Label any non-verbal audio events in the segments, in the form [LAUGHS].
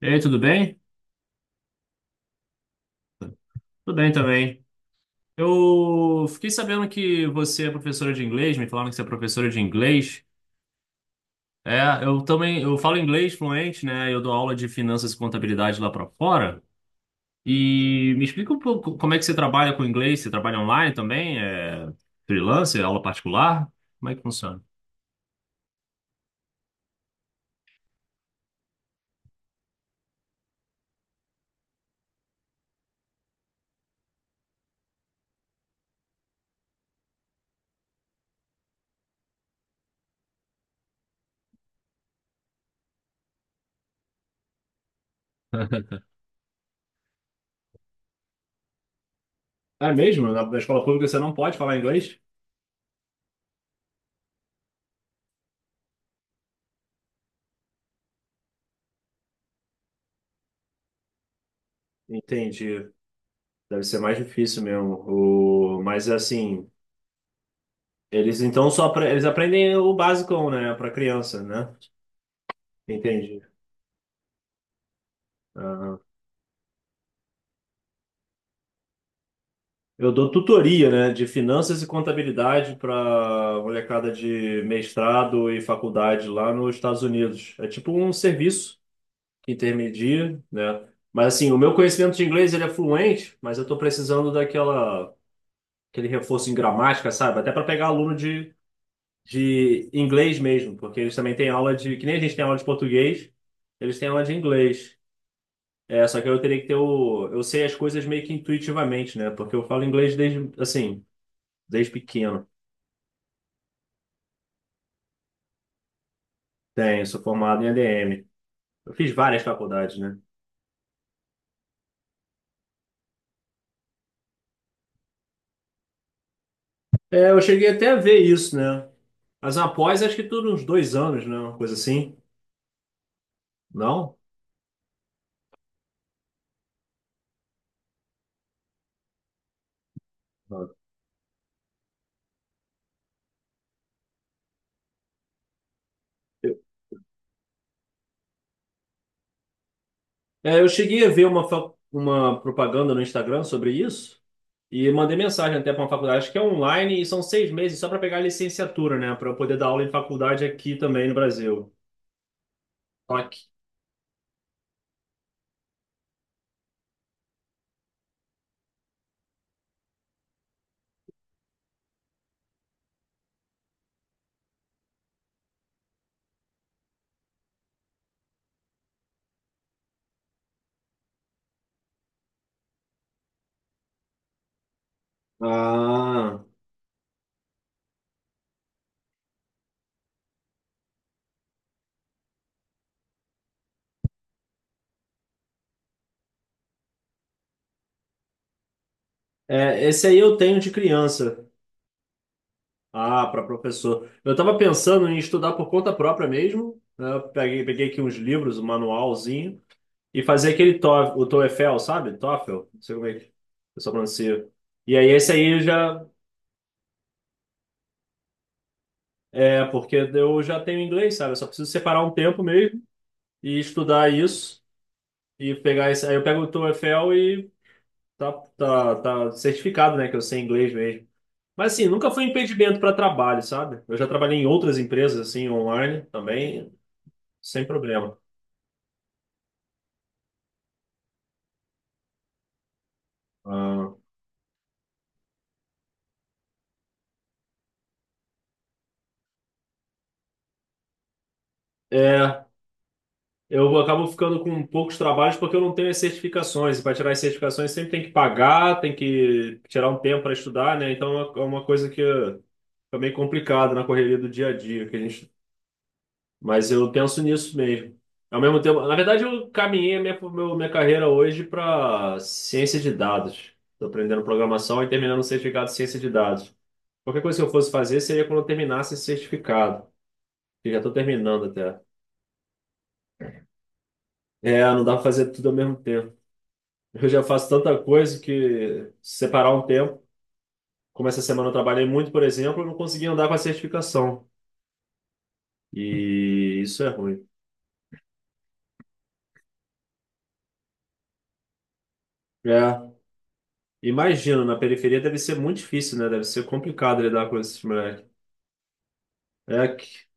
E aí, tudo bem? Tudo bem também. Eu fiquei sabendo que você é professora de inglês, me falaram que você é professora de inglês. É, eu também, eu falo inglês fluente, né? Eu dou aula de finanças e contabilidade lá para fora. E me explica um pouco como é que você trabalha com inglês, você trabalha online também? É freelancer, aula particular? Como é que funciona? [LAUGHS] É mesmo? Na escola pública você não pode falar inglês? Entendi. Deve ser mais difícil mesmo. O... Mas assim, eles então só eles aprendem o basicão, né, para criança, né? Entendi. Aham. Eu dou tutoria, né, de finanças e contabilidade para molecada de mestrado e faculdade lá nos Estados Unidos. É tipo um serviço que intermedia, né? Mas assim, o meu conhecimento de inglês ele é fluente, mas eu estou precisando daquela aquele reforço em gramática, sabe? Até para pegar aluno de inglês mesmo, porque eles também têm aula de que nem a gente tem aula de português, eles têm aula de inglês. É, só que eu teria que ter o. Eu sei as coisas meio que intuitivamente, né? Porque eu falo inglês desde, assim, desde pequeno. Tenho, sou formado em ADM. Eu fiz várias faculdades, né? É, eu cheguei até a ver isso, né? Mas após, acho que tudo uns dois anos, né? Uma coisa assim. Não? Não. É, eu cheguei a ver uma, uma propaganda no Instagram sobre isso e mandei mensagem até para uma faculdade, acho que é online, e são seis meses só para pegar a licenciatura, né? Para eu poder dar aula em faculdade aqui também no Brasil. Só que- Ah. É, esse aí eu tenho de criança. Ah, para professor. Eu estava pensando em estudar por conta própria mesmo, né? Eu peguei aqui uns livros, um manualzinho, e fazer o TOEFL, sabe? TOEFL, não sei como é que o pessoal pronuncia. E aí esse aí eu já é porque eu já tenho inglês, sabe? Eu só preciso separar um tempo mesmo e estudar isso e pegar esse. Aí eu pego o TOEFL e tá, tá certificado, né? Que eu sei inglês mesmo. Mas assim, nunca foi um impedimento para trabalho, sabe? Eu já trabalhei em outras empresas assim online também, sem problema. Ah, é, eu acabo ficando com poucos trabalhos porque eu não tenho as certificações. E para tirar as certificações sempre tem que pagar, tem que tirar um tempo para estudar, né? Então é uma coisa que fica meio complicada na correria do dia a dia que a gente. Mas eu penso nisso mesmo. Ao mesmo tempo, na verdade, eu caminhei minha carreira hoje para ciência de dados. Estou aprendendo programação e terminando o certificado de ciência de dados. Qualquer coisa que eu fosse fazer seria quando eu terminasse esse certificado. Que já estou terminando até. É, não dá para fazer tudo ao mesmo tempo. Eu já faço tanta coisa que se separar um tempo, como essa semana eu trabalhei muito, por exemplo, eu não consegui andar com a certificação. E isso é ruim. É. Imagino, na periferia deve ser muito difícil, né? Deve ser complicado lidar com esses moleques. É,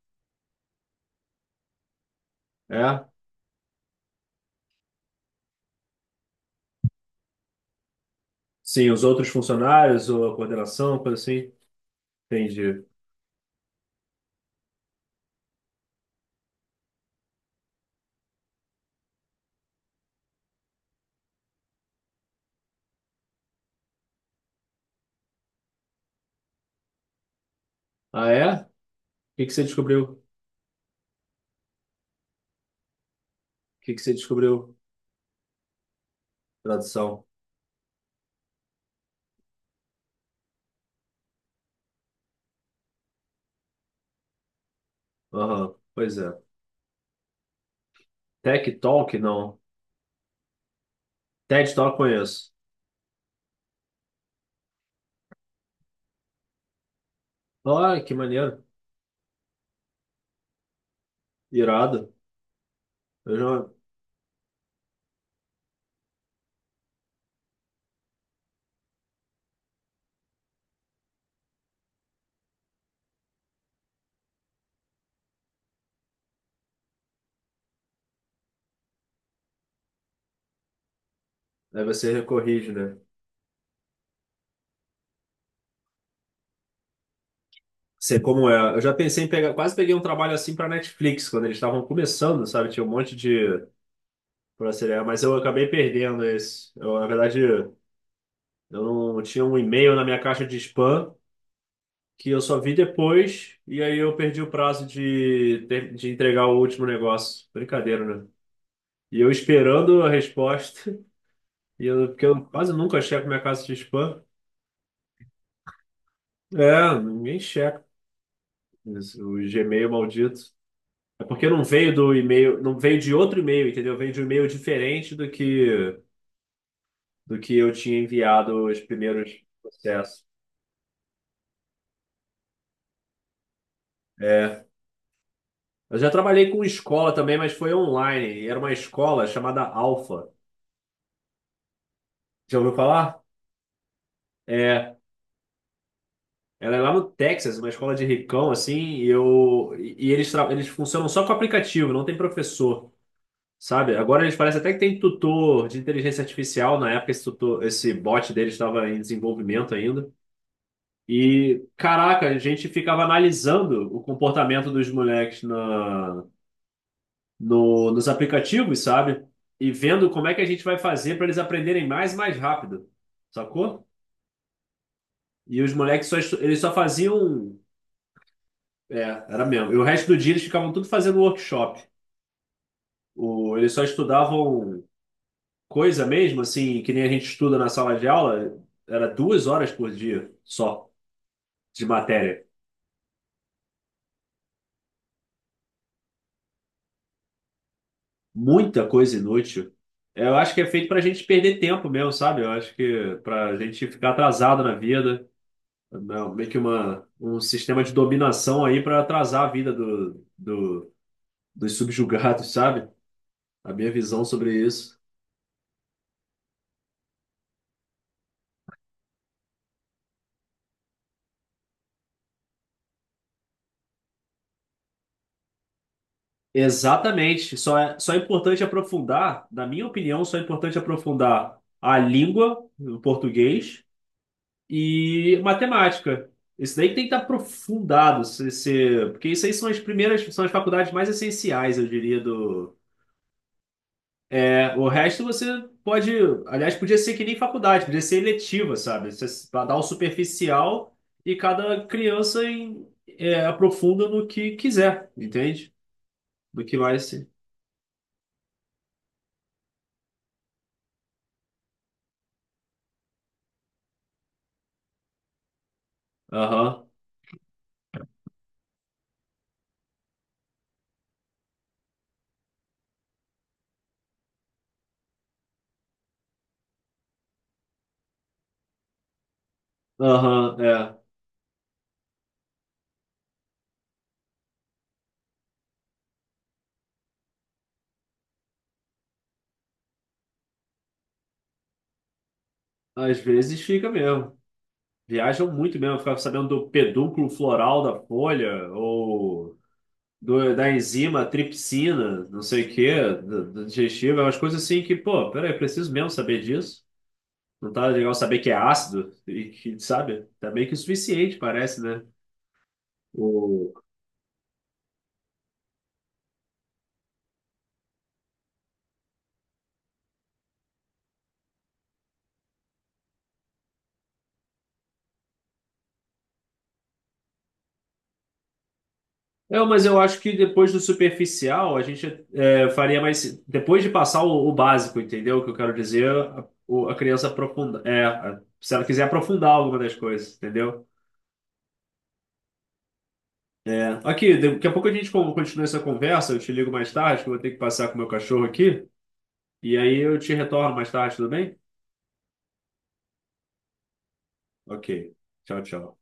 é. Sim, os outros funcionários ou a coordenação, coisa assim. Entendi. Ah, é? O que que você descobriu? O que que você descobriu? Tradução. Aham, pois é. Tech Talk, não. TED Talk conheço. Ah, que maneiro. Irado. Eu já... Aí você recorrige, né? Sei como é. Eu já pensei em pegar... Quase peguei um trabalho assim para Netflix, quando eles estavam começando, sabe? Tinha um monte de... Pra seriar, mas eu acabei perdendo esse. Eu não tinha um e-mail na minha caixa de spam que eu só vi depois e aí eu perdi o prazo de entregar o último negócio. Brincadeira, né? E eu esperando a resposta, [LAUGHS] e eu, porque eu quase nunca checo minha caixa de spam. É, ninguém checa isso, o Gmail maldito. É porque não veio do e-mail, não veio de outro e-mail, entendeu? Veio de um e-mail diferente do que eu tinha enviado os primeiros processos. É. Eu já trabalhei com escola também, mas foi online. Era uma escola chamada Alpha. Já ouviu falar? É. Ela é lá no Texas, uma escola de ricão, assim, e eu e eles, eles funcionam só com aplicativo, não tem professor. Sabe? Agora eles parecem até que tem tutor de inteligência artificial. Na época, esse tutor, esse bot deles estava em desenvolvimento ainda. E, caraca, a gente ficava analisando o comportamento dos moleques na, no, nos aplicativos, sabe? E vendo como é que a gente vai fazer para eles aprenderem mais e mais rápido. Sacou? E os moleques só, eles só faziam. É, era mesmo. E o resto do dia eles ficavam tudo fazendo workshop. O, eles só estudavam coisa mesmo, assim, que nem a gente estuda na sala de aula, era duas horas por dia só de matéria. Muita coisa inútil. Eu acho que é feito para a gente perder tempo mesmo, sabe? Eu acho que para a gente ficar atrasado na vida, não, meio que uma, um sistema de dominação aí para atrasar a vida dos subjugados, sabe? A minha visão sobre isso. Exatamente. Só é importante aprofundar, na minha opinião, só é importante aprofundar a língua, o português e matemática. Isso daí que tem que estar aprofundado, porque isso aí são as primeiras, são as faculdades mais essenciais, eu diria, do... É, o resto você pode... Aliás, podia ser que nem faculdade, podia ser eletiva, sabe? Você dá o superficial e cada é, aprofunda no que quiser, entende? No que mais... aham, aham, é. Às vezes fica mesmo. Viajam muito mesmo, ficam sabendo do pedúnculo floral da folha, ou... da enzima tripsina, não sei o quê, do digestivo, é umas coisas assim que, pô, peraí, preciso mesmo saber disso. Não tá legal saber que é ácido e que, sabe? Tá meio que o suficiente, parece, né? O... É, mas eu acho que depois do superficial, faria mais. Depois de passar o básico, entendeu? O que eu quero dizer, a criança aprofunda. É, se ela quiser aprofundar alguma das coisas, entendeu? É. Aqui, daqui a pouco a gente continua essa conversa. Eu te ligo mais tarde, que eu vou ter que passar com o meu cachorro aqui. E aí eu te retorno mais tarde, tudo bem? Ok. Tchau, tchau.